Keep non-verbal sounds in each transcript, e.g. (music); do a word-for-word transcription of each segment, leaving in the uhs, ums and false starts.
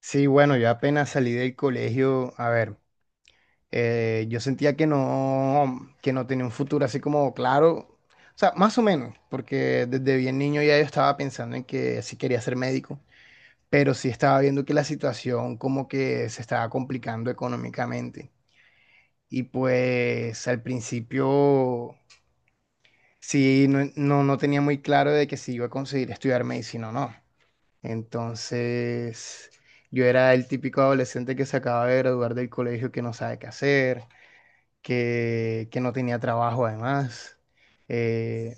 Sí, bueno, yo apenas salí del colegio, a ver, eh, yo sentía que no, que no tenía un futuro así como claro, o sea, más o menos, porque desde bien niño ya yo estaba pensando en que sí quería ser médico, pero sí estaba viendo que la situación como que se estaba complicando económicamente. Y pues al principio sí, no, no, no tenía muy claro de que si iba a conseguir estudiar medicina o no. Entonces, yo era el típico adolescente que se acaba de graduar del colegio, que no sabe qué hacer, que, que no tenía trabajo además. Eh,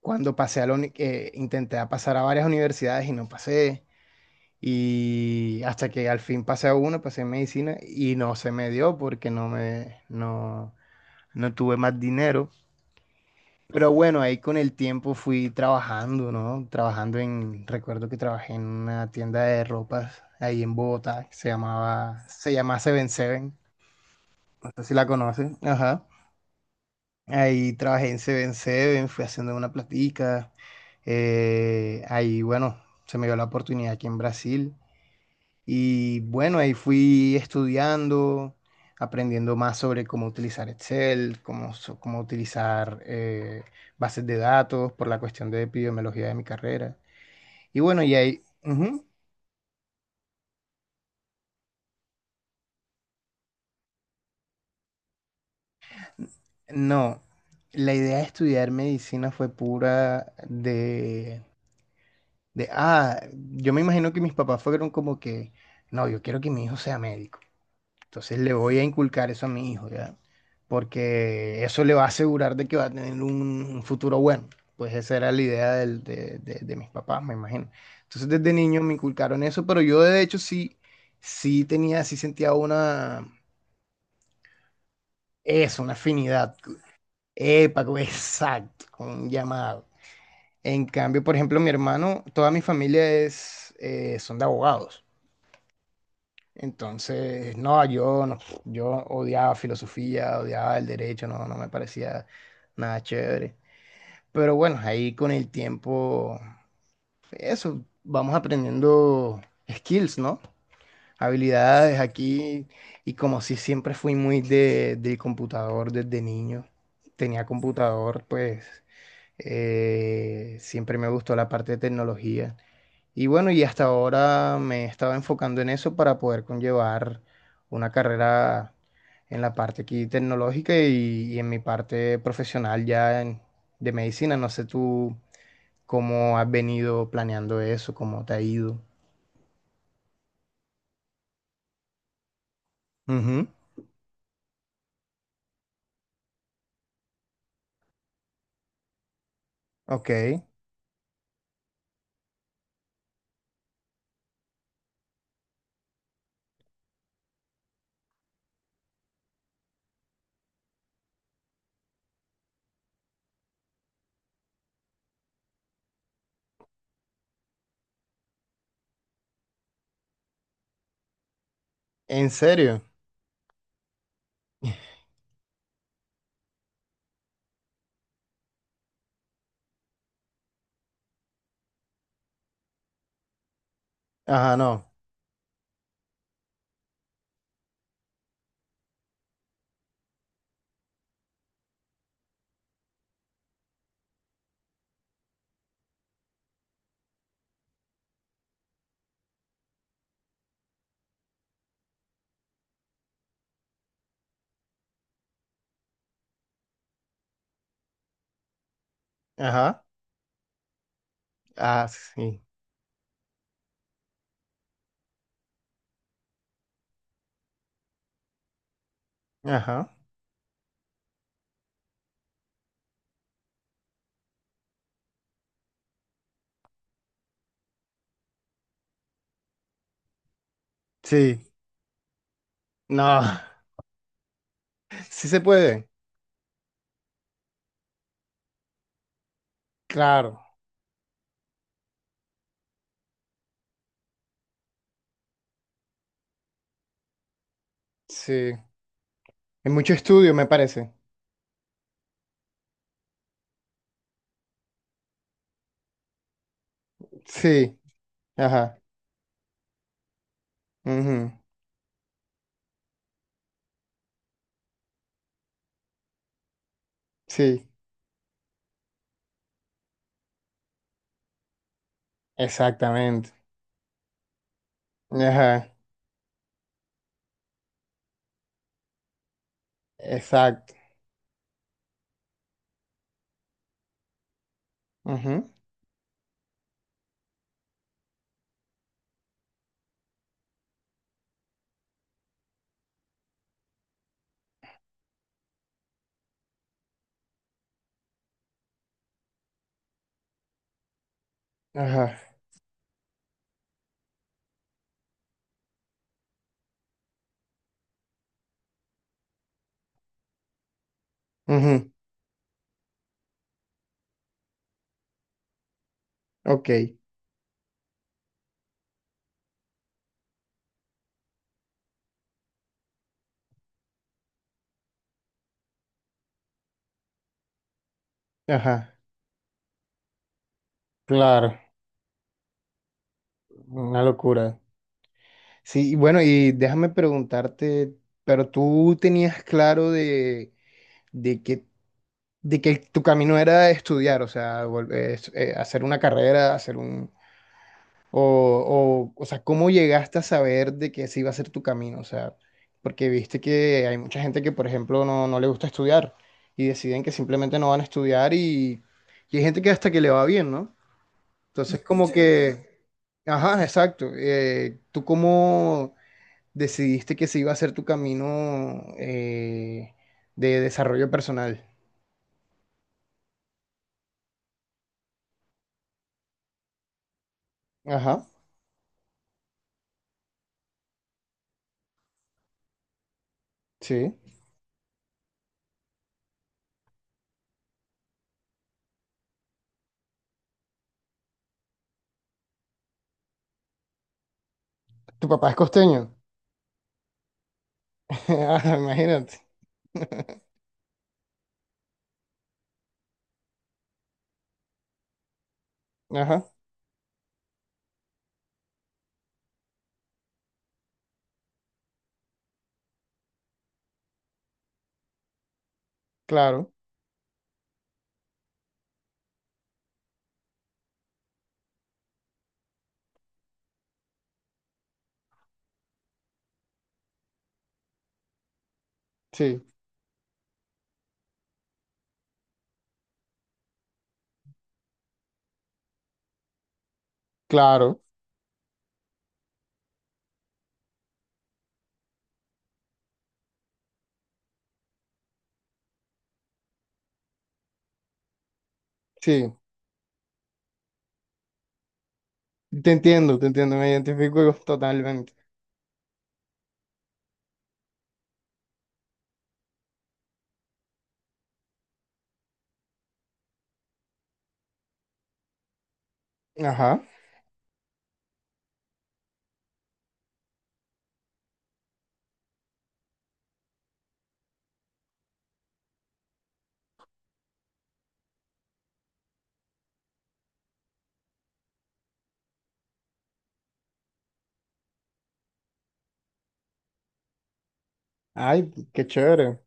cuando pasé a la uni- eh, intenté a pasar a varias universidades y no pasé. Y hasta que al fin pasé a una, pasé en medicina y no se me dio porque no me, no, no tuve más dinero. Pero bueno, ahí con el tiempo fui trabajando, ¿no? Trabajando en, recuerdo que trabajé en una tienda de ropas ahí en Bogotá, que se llamaba, se llama Seven Seven, no sé si la conoces, ajá. Ahí trabajé en Seven Seven, fui haciendo una platica, eh, ahí bueno, se me dio la oportunidad aquí en Brasil y bueno, ahí fui estudiando, aprendiendo más sobre cómo utilizar Excel, cómo, so- cómo utilizar eh, bases de datos por la cuestión de epidemiología de mi carrera. Y bueno, y ahí, ujú. No, la idea de estudiar medicina fue pura de, de, ah, yo me imagino que mis papás fueron como que, no, yo quiero que mi hijo sea médico. Entonces le voy a inculcar eso a mi hijo, ¿ya? Porque eso le va a asegurar de que va a tener un, un futuro bueno. Pues esa era la idea del- de, de- de mis papás, me imagino. Entonces desde niño me inculcaron eso, pero yo de hecho sí, sí tenía, sí sentía una, eso, una afinidad. Epa, co- exacto, con un llamado. En cambio, por ejemplo, mi hermano, toda mi familia es, eh, son de abogados. Entonces, no, yo, no, yo odiaba filosofía, odiaba el derecho, no, no me parecía nada chévere. Pero bueno, ahí con el tiempo, eso, vamos aprendiendo skills, ¿no? Habilidades aquí. Y como si siempre fui muy de, del computador desde niño, tenía computador, pues eh, siempre me gustó la parte de tecnología. Y bueno, y hasta ahora me estaba enfocando en eso para poder conllevar una carrera en la parte aquí tecnológica y, y en mi parte profesional ya en- de medicina. No sé tú cómo has venido planeando eso, cómo te ha ido. Ujú, ok. ¿En serio? Ajá, no. Ajá. Ah, sí. Ajá. Sí. No. (laughs) Sí se puede. Claro. Sí. Hay mucho estudio, me parece. Sí. Ajá. Ujú. Sí, exactamente. Ajá, exacto. Ujú, ajá, ujú, ok, ajá, claro, una locura. Sí, y bueno, y déjame preguntarte, pero tú tenías claro de, de que, de que tu camino era estudiar, o sea, vol- eh, es- eh, hacer una carrera, hacer un, o, o, o sea, ¿cómo llegaste a saber de que ese iba a ser tu camino? O sea, porque viste que hay mucha gente que, por ejemplo, no, no le gusta estudiar y deciden que simplemente no van a estudiar y, y hay gente que hasta que le va bien, ¿no? Entonces, (laughs) como sí, es que, ajá, exacto. Eh, ¿tú cómo decidiste que ese iba a ser tu camino eh, de desarrollo personal? Ajá, sí. Tu papá es costeño. (laughs) Ajá, imagínate. Ajá, claro, sí, claro. Sí, te entiendo, te entiendo, me identifico totalmente. Ajá. Ay, qué chévere.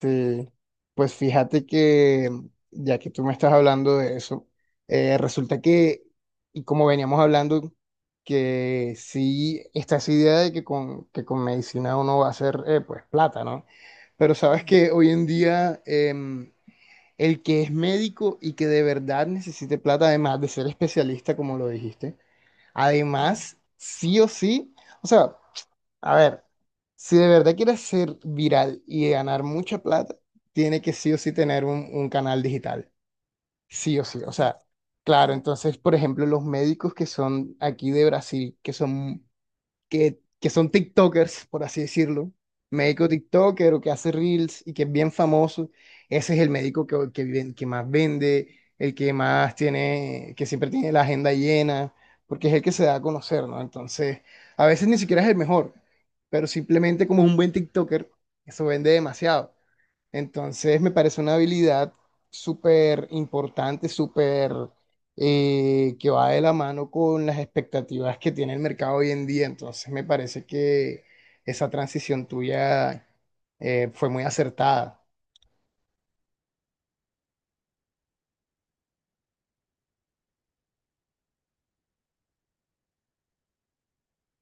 Sí. Pues fíjate que, ya que tú me estás hablando de eso, eh, resulta que, y como veníamos hablando, que sí, está esa idea de que con, que con medicina uno va a hacer, eh, pues, plata, ¿no? Pero sabes que hoy en día em, el que es médico y que de verdad necesite plata, además de ser especialista, como lo dijiste, además, sí o sí, o sea, a ver, si de verdad quieres ser viral y ganar mucha plata, tiene que sí o sí tener un, un canal digital, sí o sí, o sea, claro, entonces, por ejemplo, los médicos que son aquí de Brasil, que son que, que son TikTokers, por así decirlo, médico TikToker o que hace Reels y que es bien famoso, ese es el médico que, que, ven- que más vende, el que más tiene, que siempre tiene la agenda llena, porque es el que se da a conocer, ¿no? Entonces, a veces ni siquiera es el mejor, pero simplemente como es un buen TikToker, eso vende demasiado. Entonces me parece una habilidad súper importante, súper eh, que va de la mano con las expectativas que tiene el mercado hoy en día. Entonces me parece que esa transición tuya eh, fue muy acertada.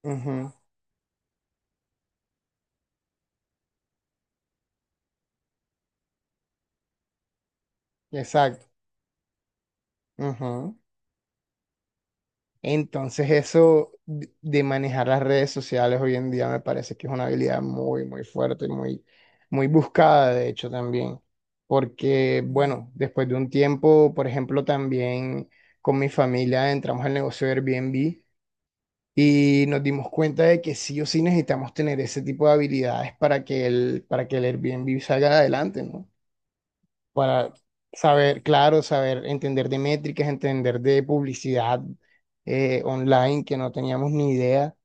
Ujú, exacto. Ujú. Entonces eso de manejar las redes sociales hoy en día me parece que es una habilidad muy, muy fuerte, muy, muy buscada, de hecho, también. Porque, bueno, después de un tiempo, por ejemplo, también con mi familia entramos al negocio de Airbnb y nos dimos cuenta de que sí o sí necesitamos tener ese tipo de habilidades para que el, para que el Airbnb salga adelante, ¿no? Para saber, claro, saber entender de métricas, entender de publicidad eh, online que no teníamos ni idea.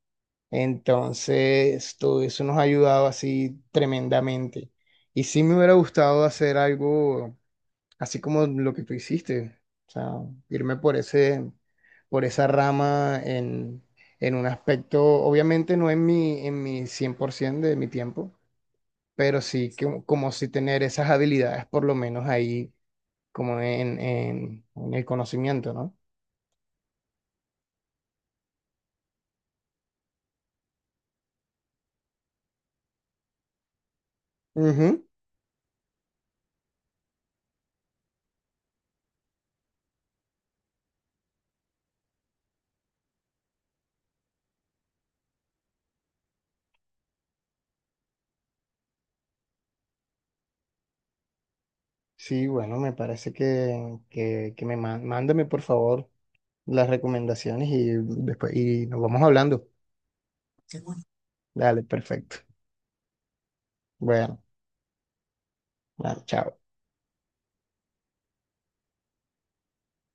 Entonces, todo eso nos ha ayudado así tremendamente. Y sí me hubiera gustado hacer algo así como lo que tú hiciste, o sea, irme por ese, por esa rama en, en un aspecto, obviamente no en mi, en mi cien por ciento de mi tiempo, pero sí que, como si tener esas habilidades por lo menos ahí como en, en- en el conocimiento, ¿no? Ujú. Sí, bueno, me parece que, que, que me ma- mándame por favor las recomendaciones y después y nos vamos hablando. Dale, perfecto. Bueno, dale, chao.